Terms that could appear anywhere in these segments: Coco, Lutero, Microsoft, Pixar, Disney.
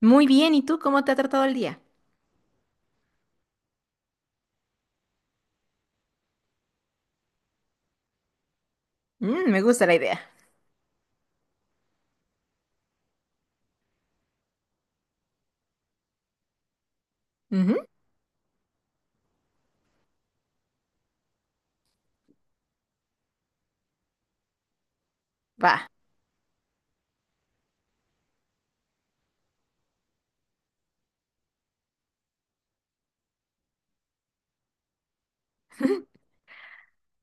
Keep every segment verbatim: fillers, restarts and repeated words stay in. Muy bien, ¿y tú cómo te ha tratado el día? Mm, me gusta la idea. Ujú. Va.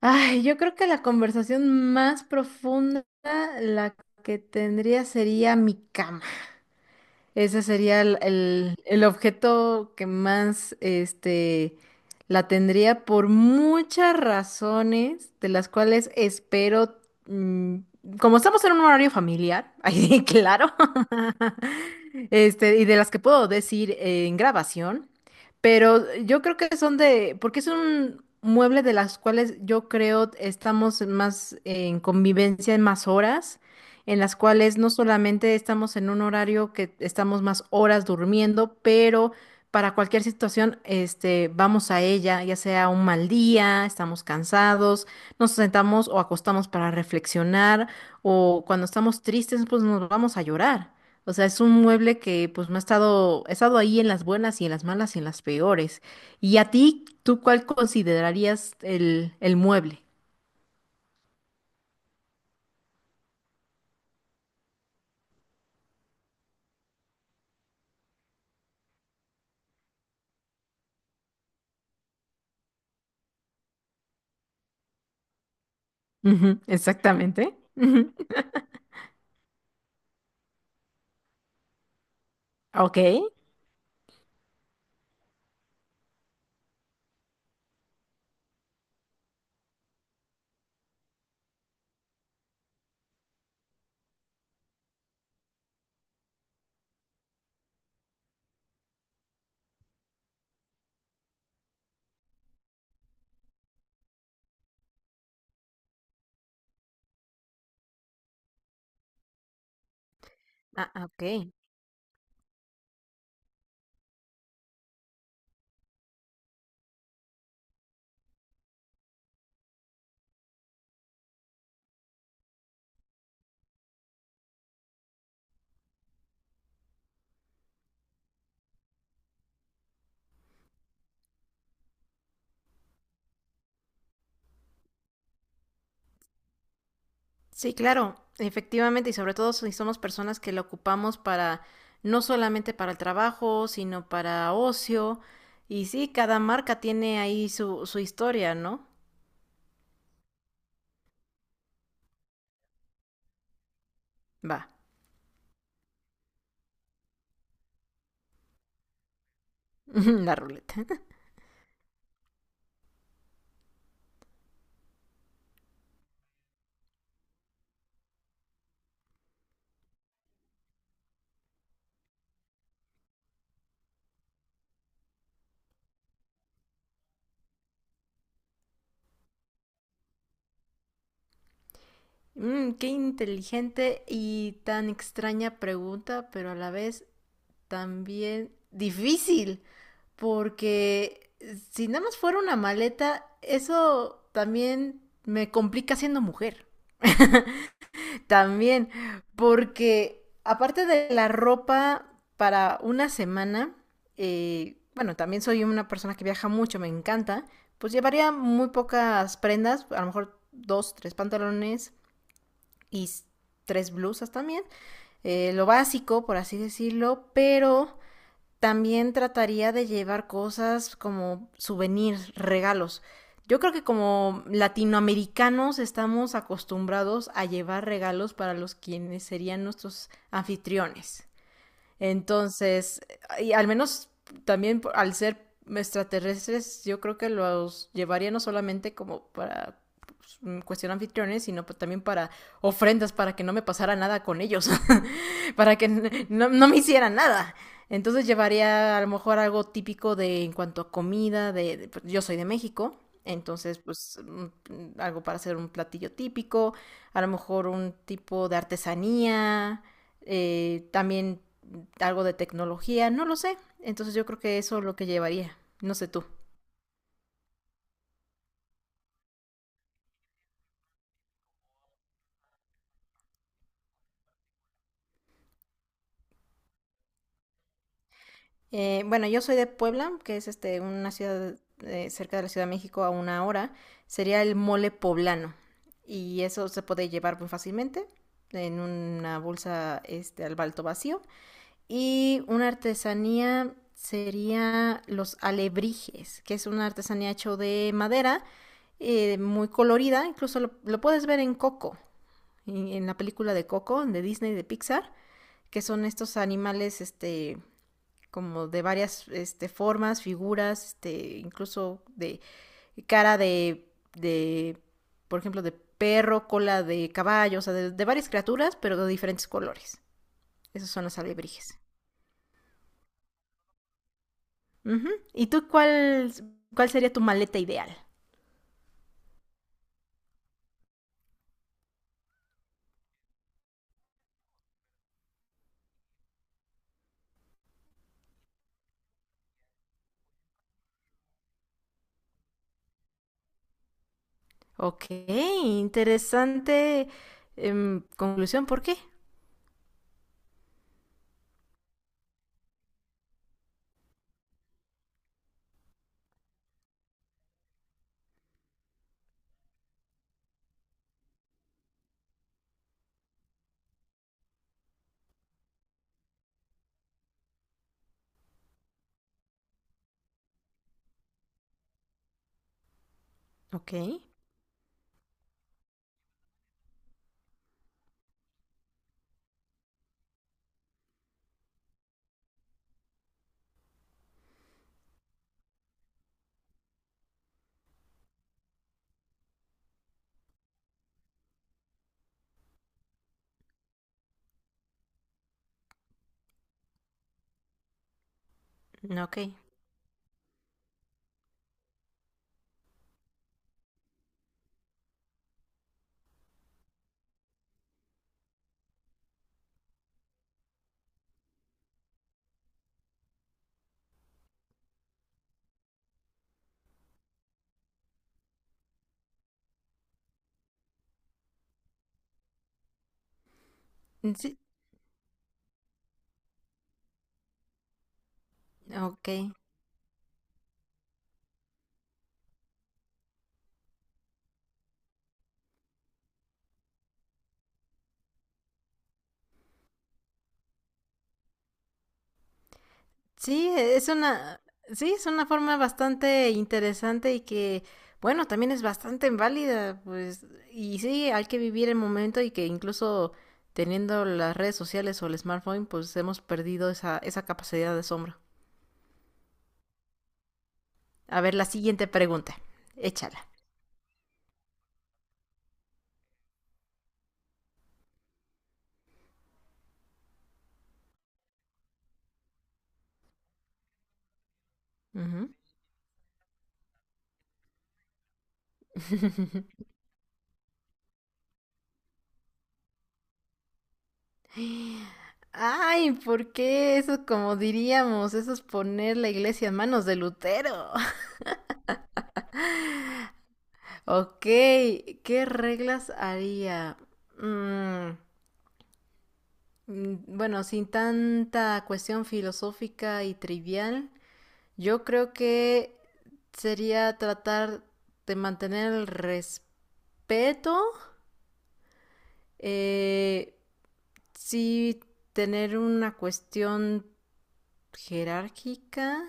Ay, yo creo que la conversación más profunda, la que tendría sería mi cama. Ese sería el, el- el objeto que más este, la tendría por muchas razones, de las cuales espero, mm, como estamos en un horario familiar, ahí claro, este, y de las que puedo decir eh, en grabación, pero yo creo que son de, porque es un mueble de las cuales yo creo estamos más en convivencia en más horas, en las cuales no solamente estamos en un horario que estamos más horas durmiendo, pero para cualquier situación, este, vamos a ella, ya sea un mal día, estamos cansados, nos sentamos o acostamos para reflexionar, o cuando estamos tristes, pues nos vamos a llorar. O sea, es un mueble que pues me ha estado, ha estado ahí en las buenas y en las malas y en las peores. ¿Y a ti, tú cuál considerarías el, el mueble? Ujú, exactamente. Ujú. Ok. Ah, ah, ok. Sí, claro, efectivamente, y sobre todo si somos personas que lo ocupamos para, no solamente para el trabajo, sino para ocio. Y sí, cada marca tiene ahí su, su historia, ¿no? Va. La ruleta. Mm, qué inteligente y tan extraña pregunta, pero a la vez también difícil, porque si nada más fuera una maleta, eso también me complica siendo mujer. También, porque aparte de la ropa para una semana, eh, bueno, también soy una persona que viaja mucho, me encanta, pues llevaría muy pocas prendas, a lo mejor dos, tres pantalones y s- tres blusas también, eh, lo básico, por así decirlo, pero también trataría de llevar cosas como souvenirs, regalos. Yo creo que como latinoamericanos estamos acostumbrados a llevar regalos para los quienes serían nuestros anfitriones. Entonces, y al menos también por- al ser extraterrestres, yo creo que los llevaría no solamente como para pues, mm, cuestión anfitriones, sino pa- también para ofrendas, para que no me pasara nada con ellos, para que n- no, no me hicieran nada. Entonces llevaría a lo mejor algo típico de en cuanto a comida, de, de- pues, yo soy de México, entonces pues mm, algo para hacer un platillo típico, a lo mejor un tipo de artesanía, eh, también algo de tecnología, no lo sé. Entonces yo creo que eso es lo que llevaría, no sé tú. Eh, bueno, yo soy de Puebla, que es este, una ciudad eh, cerca de la Ciudad de México, a una hora. Sería el mole poblano, y eso se puede llevar muy fácilmente en una bolsa, este, al balto vacío. Y una artesanía sería los alebrijes, que es una artesanía hecho de madera, eh, muy colorida, incluso lo, lo, puedes ver en coco, en la película de Coco, de Disney, de Pixar, que son estos animales, este, como de varias, este, formas, figuras, este, incluso de cara de, de, por ejemplo, de perro, cola de caballo, o sea, de, de varias criaturas, pero de diferentes colores. Esos son los alebrijes. Uh -huh. ¿Y tú cuál, cuál sería tu maleta ideal? Ok, interesante em, conclusión, ¿por qué? Ok, ok, sí, ok. Sí, e, es una, sí, es una forma bastante interesante y que, bueno, también es bastante válida, pues, y sí, hay que vivir el momento y que incluso teniendo las redes sociales o el smartphone, pues hemos perdido esa, esa capacidad de asombro. A ver, la siguiente pregunta, échala. Ujú. Ay, ¿por qué eso, como diríamos, eso es poner la iglesia en manos de Lutero? Ok, ¿qué reglas haría? Mm, Mm, Bueno, sin tanta cuestión filosófica y trivial, yo creo que sería tratar de mantener el respeto, eh, sí tener una cuestión jerárquica,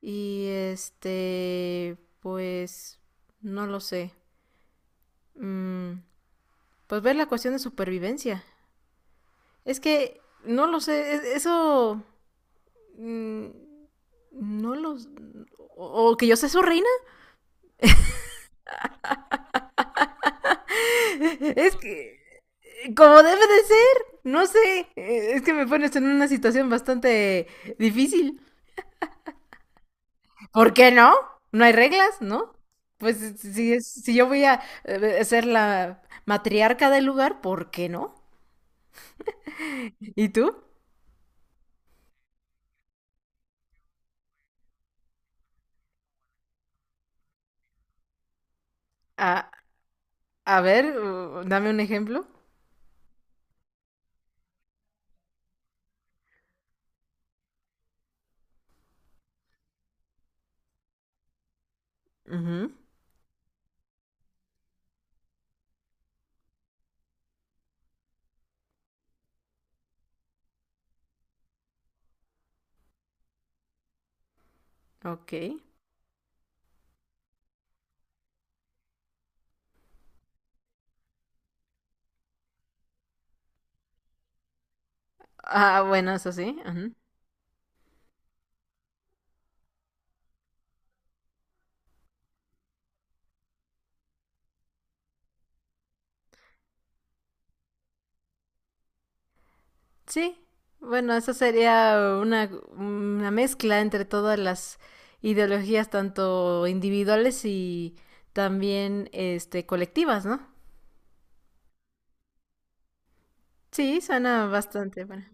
y este, pues, no lo sé. Mm, pues ver la cuestión de supervivencia. Es que no lo sé. E- eso... Mm, No los... O que yo sea su reina. Es que... Como debe de ser. No sé. Eh, Es que me pones en una situación bastante difícil. ¿Por qué no? No hay reglas, ¿no? Pues si, es- si yo voy a eh, ser la matriarca del lugar, ¿por qué no? ¿Y tú? A, a ver, uh, dame un ejemplo. Ujú. Ok. Ah, bueno, eso sí. Sí, bueno, eso sería una, una mezcla entre todas las ideologías, tanto individuales y también este, colectivas, ¿no? Sí, suena bastante bueno.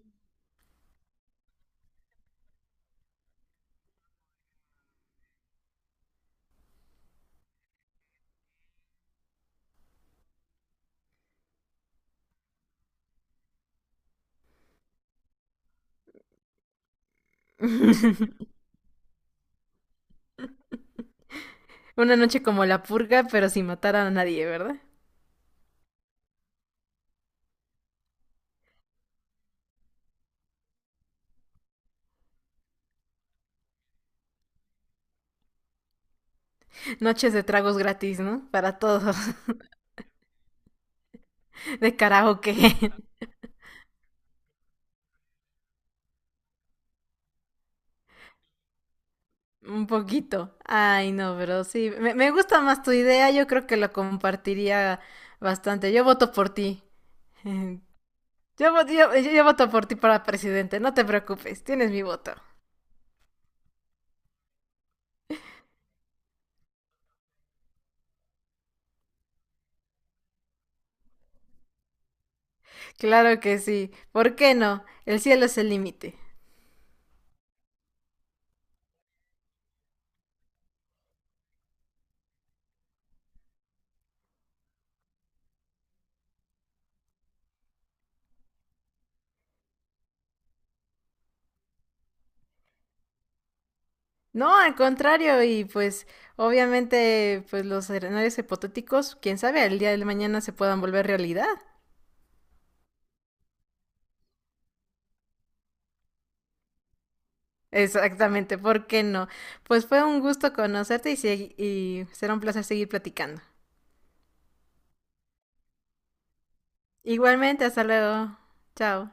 Una noche como la purga, pero sin matar a nadie, ¿verdad? Noches de tragos gratis, ¿no? Para todos. De karaoke. Un poquito. Ay, no, pero sí. Me, me gusta más tu idea, yo creo que la compartiría bastante. Yo voto por ti. Yo, vo- yo- yo- yo voto por ti para presidente, no te preocupes, tienes mi voto. Claro que sí, ¿por qué no? El cielo es el límite. No, al contrario, y pues obviamente pues los escenarios hipotéticos, quién sabe, el día de mañana se puedan volver realidad. Exactamente, ¿por qué no? Pues fue un gusto conocerte y, segui- y será un placer seguir platicando. Igualmente, hasta luego. Chao.